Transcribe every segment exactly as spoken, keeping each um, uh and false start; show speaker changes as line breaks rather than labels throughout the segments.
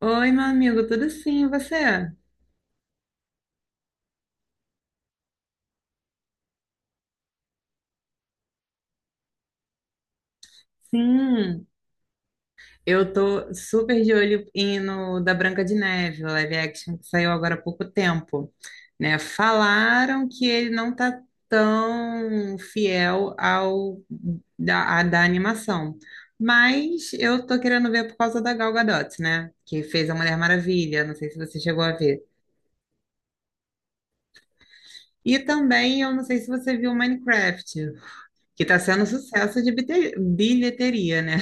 Oi, meu amigo, tudo sim, e você? Sim, eu tô super de olho em- no da Branca de Neve, o live action que saiu agora há pouco tempo, né? Falaram que ele não tá tão fiel ao da, a- da animação, mas eu tô querendo ver por causa da Gal Gadot, né? Que fez a Mulher Maravilha, não sei se você chegou a ver. E também, eu não sei se você viu Minecraft, que tá sendo sucesso de bite- bilheteria, né?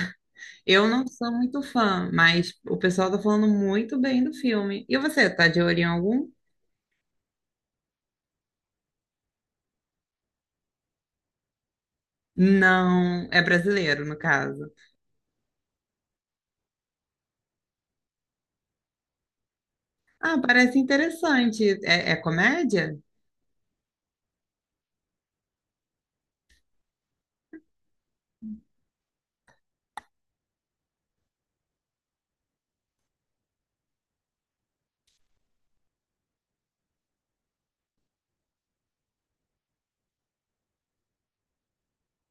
Eu não sou muito fã, mas o pessoal tá falando muito bem do filme. E você, tá de olho em algum? Não, é brasileiro, no caso. Ah, parece interessante. É, é comédia?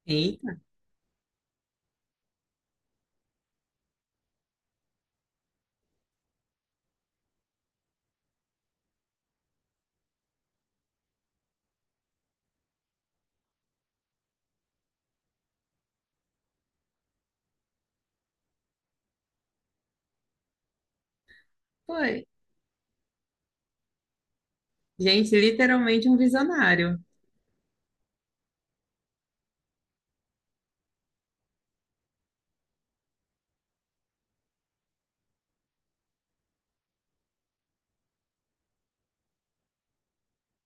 Eita, foi. Gente, literalmente um visionário.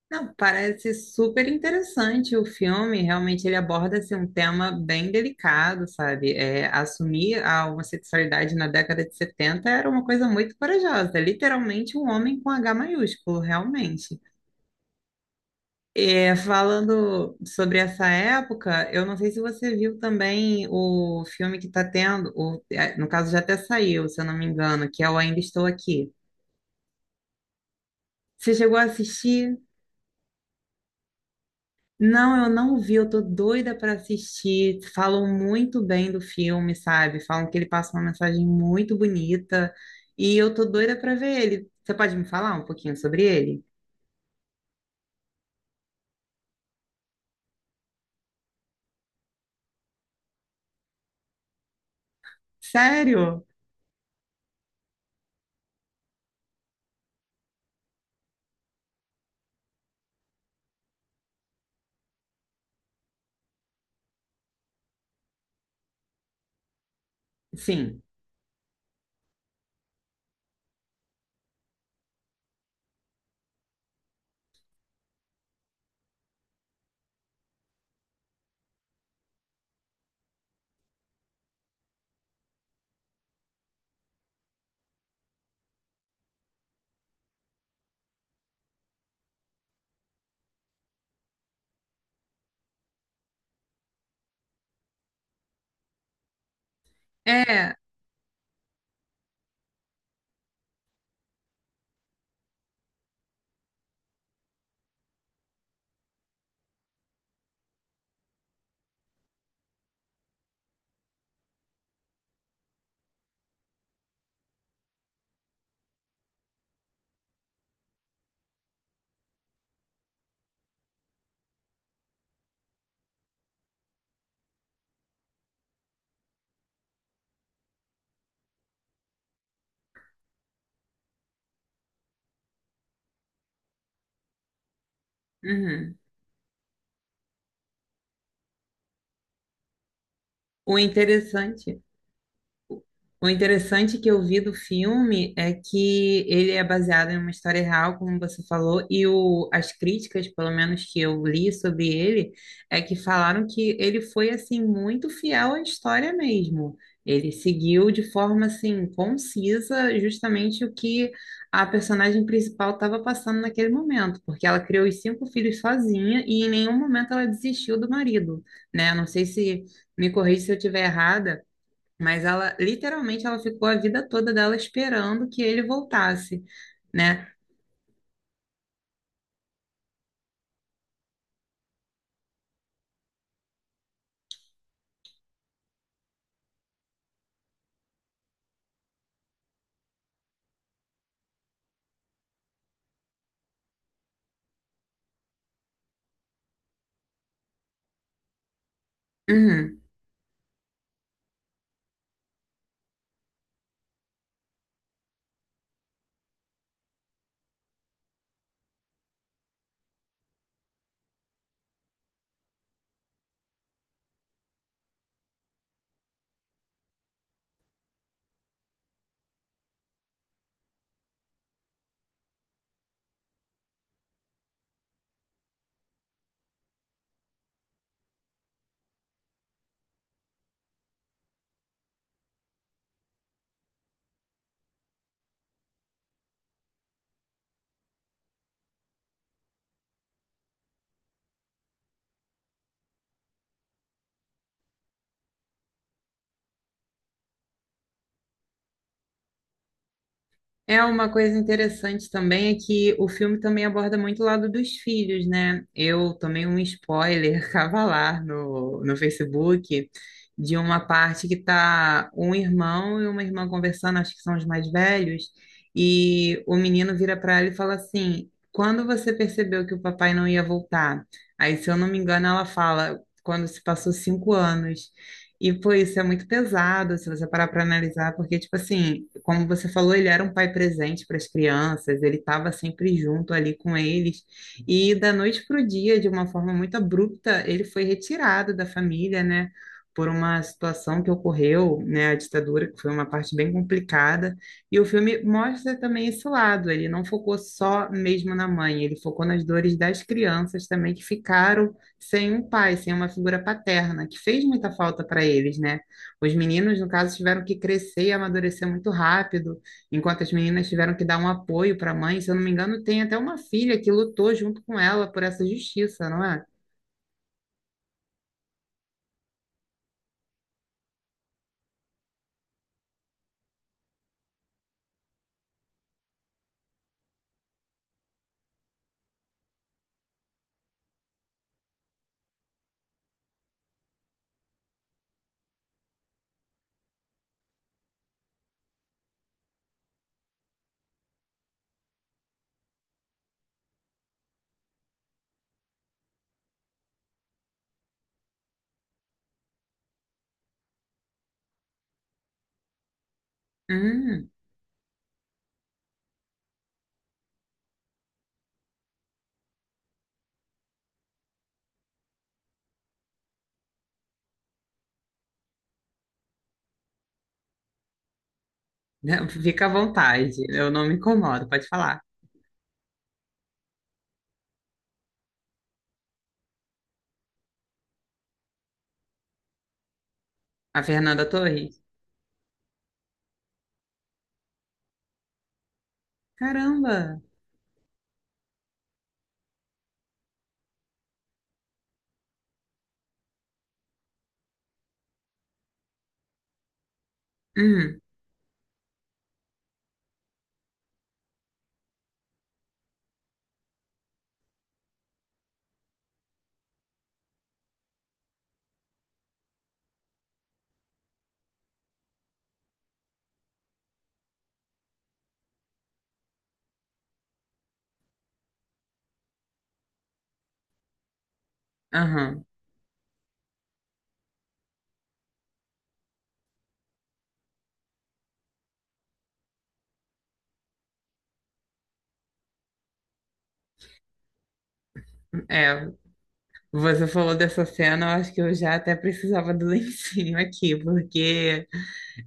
Não, parece super interessante o filme. Realmente ele aborda assim, um tema bem delicado, sabe? É, assumir a homossexualidade na década de setenta era uma coisa muito corajosa. Literalmente um homem com H maiúsculo, realmente. É, falando sobre essa época, eu não sei se você viu também o filme que está tendo, o- é, no caso já até saiu, se eu não me engano, que é o Ainda Estou Aqui. Você chegou a assistir? Não, eu não vi, eu tô doida para assistir. Falam muito bem do filme, sabe? Falam que ele passa uma mensagem muito bonita e eu tô doida para ver ele. Você pode me falar um pouquinho sobre ele? Sério? Sim. É. Uhum. O interessante. O interessante que eu vi do filme é que ele é baseado em uma história real, como você falou, e o, as críticas, pelo menos que eu li sobre ele, é que falaram que ele foi assim muito fiel à história mesmo. Ele seguiu de forma assim concisa justamente o que a personagem principal estava passando naquele momento, porque ela criou os cinco filhos sozinha e em nenhum momento ela desistiu do marido, né? Não sei se me corrija se eu estiver errada, mas ela, literalmente, ela ficou a vida toda dela esperando que ele voltasse, né? Uhum. É uma coisa interessante também é que o filme também aborda muito o lado dos filhos, né? Eu tomei um spoiler cavalar no, no Facebook de uma parte que tá um irmão e uma irmã conversando, acho que são os mais velhos, e o menino vira para ela e fala assim: "Quando você percebeu que o papai não ia voltar?" Aí, se eu não me engano, ela fala: "Quando se passou cinco anos." E, pô, isso é muito pesado, se você parar para analisar, porque, tipo assim, como você falou, ele era um pai presente para as crianças, ele estava sempre junto ali com eles, e da noite para o dia, de uma forma muito abrupta, ele foi retirado da família, né, por uma situação que ocorreu, né, a ditadura, que foi uma parte bem complicada, e o filme mostra também esse lado, ele não focou só mesmo na mãe, ele focou nas dores das crianças também que ficaram sem um pai, sem uma figura paterna, que fez muita falta para eles, né? Os meninos, no caso, tiveram que crescer e amadurecer muito rápido, enquanto as meninas tiveram que dar um apoio para a mãe. Se eu não me engano, tem até uma filha que lutou junto com ela por essa justiça, não é? Hum, né? Fica à vontade, eu não me incomodo, pode falar. A Fernanda Torres. Caramba! Hum, aham. É, você falou dessa cena, eu acho que eu já até precisava do lencinho aqui, porque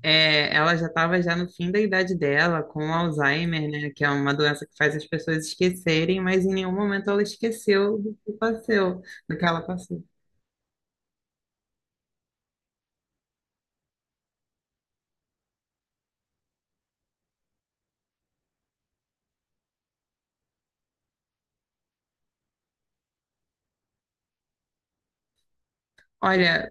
é, ela já estava já no fim da idade dela, com Alzheimer, né, que é uma doença que faz as pessoas esquecerem, mas em nenhum momento ela esqueceu do que passou, do que ela passou. Olha,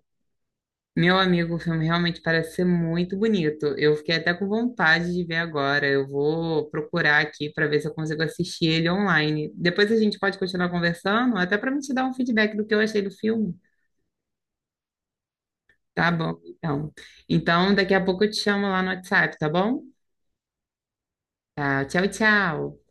meu amigo, o filme realmente parece ser muito bonito. Eu fiquei até com vontade de ver agora. Eu vou procurar aqui para ver se eu consigo assistir ele online. Depois a gente pode continuar conversando, até para me te dar um feedback do que eu achei do filme. Tá bom, então. Então, daqui a pouco eu te chamo lá no WhatsApp, tá bom? Tá, tchau, tchau.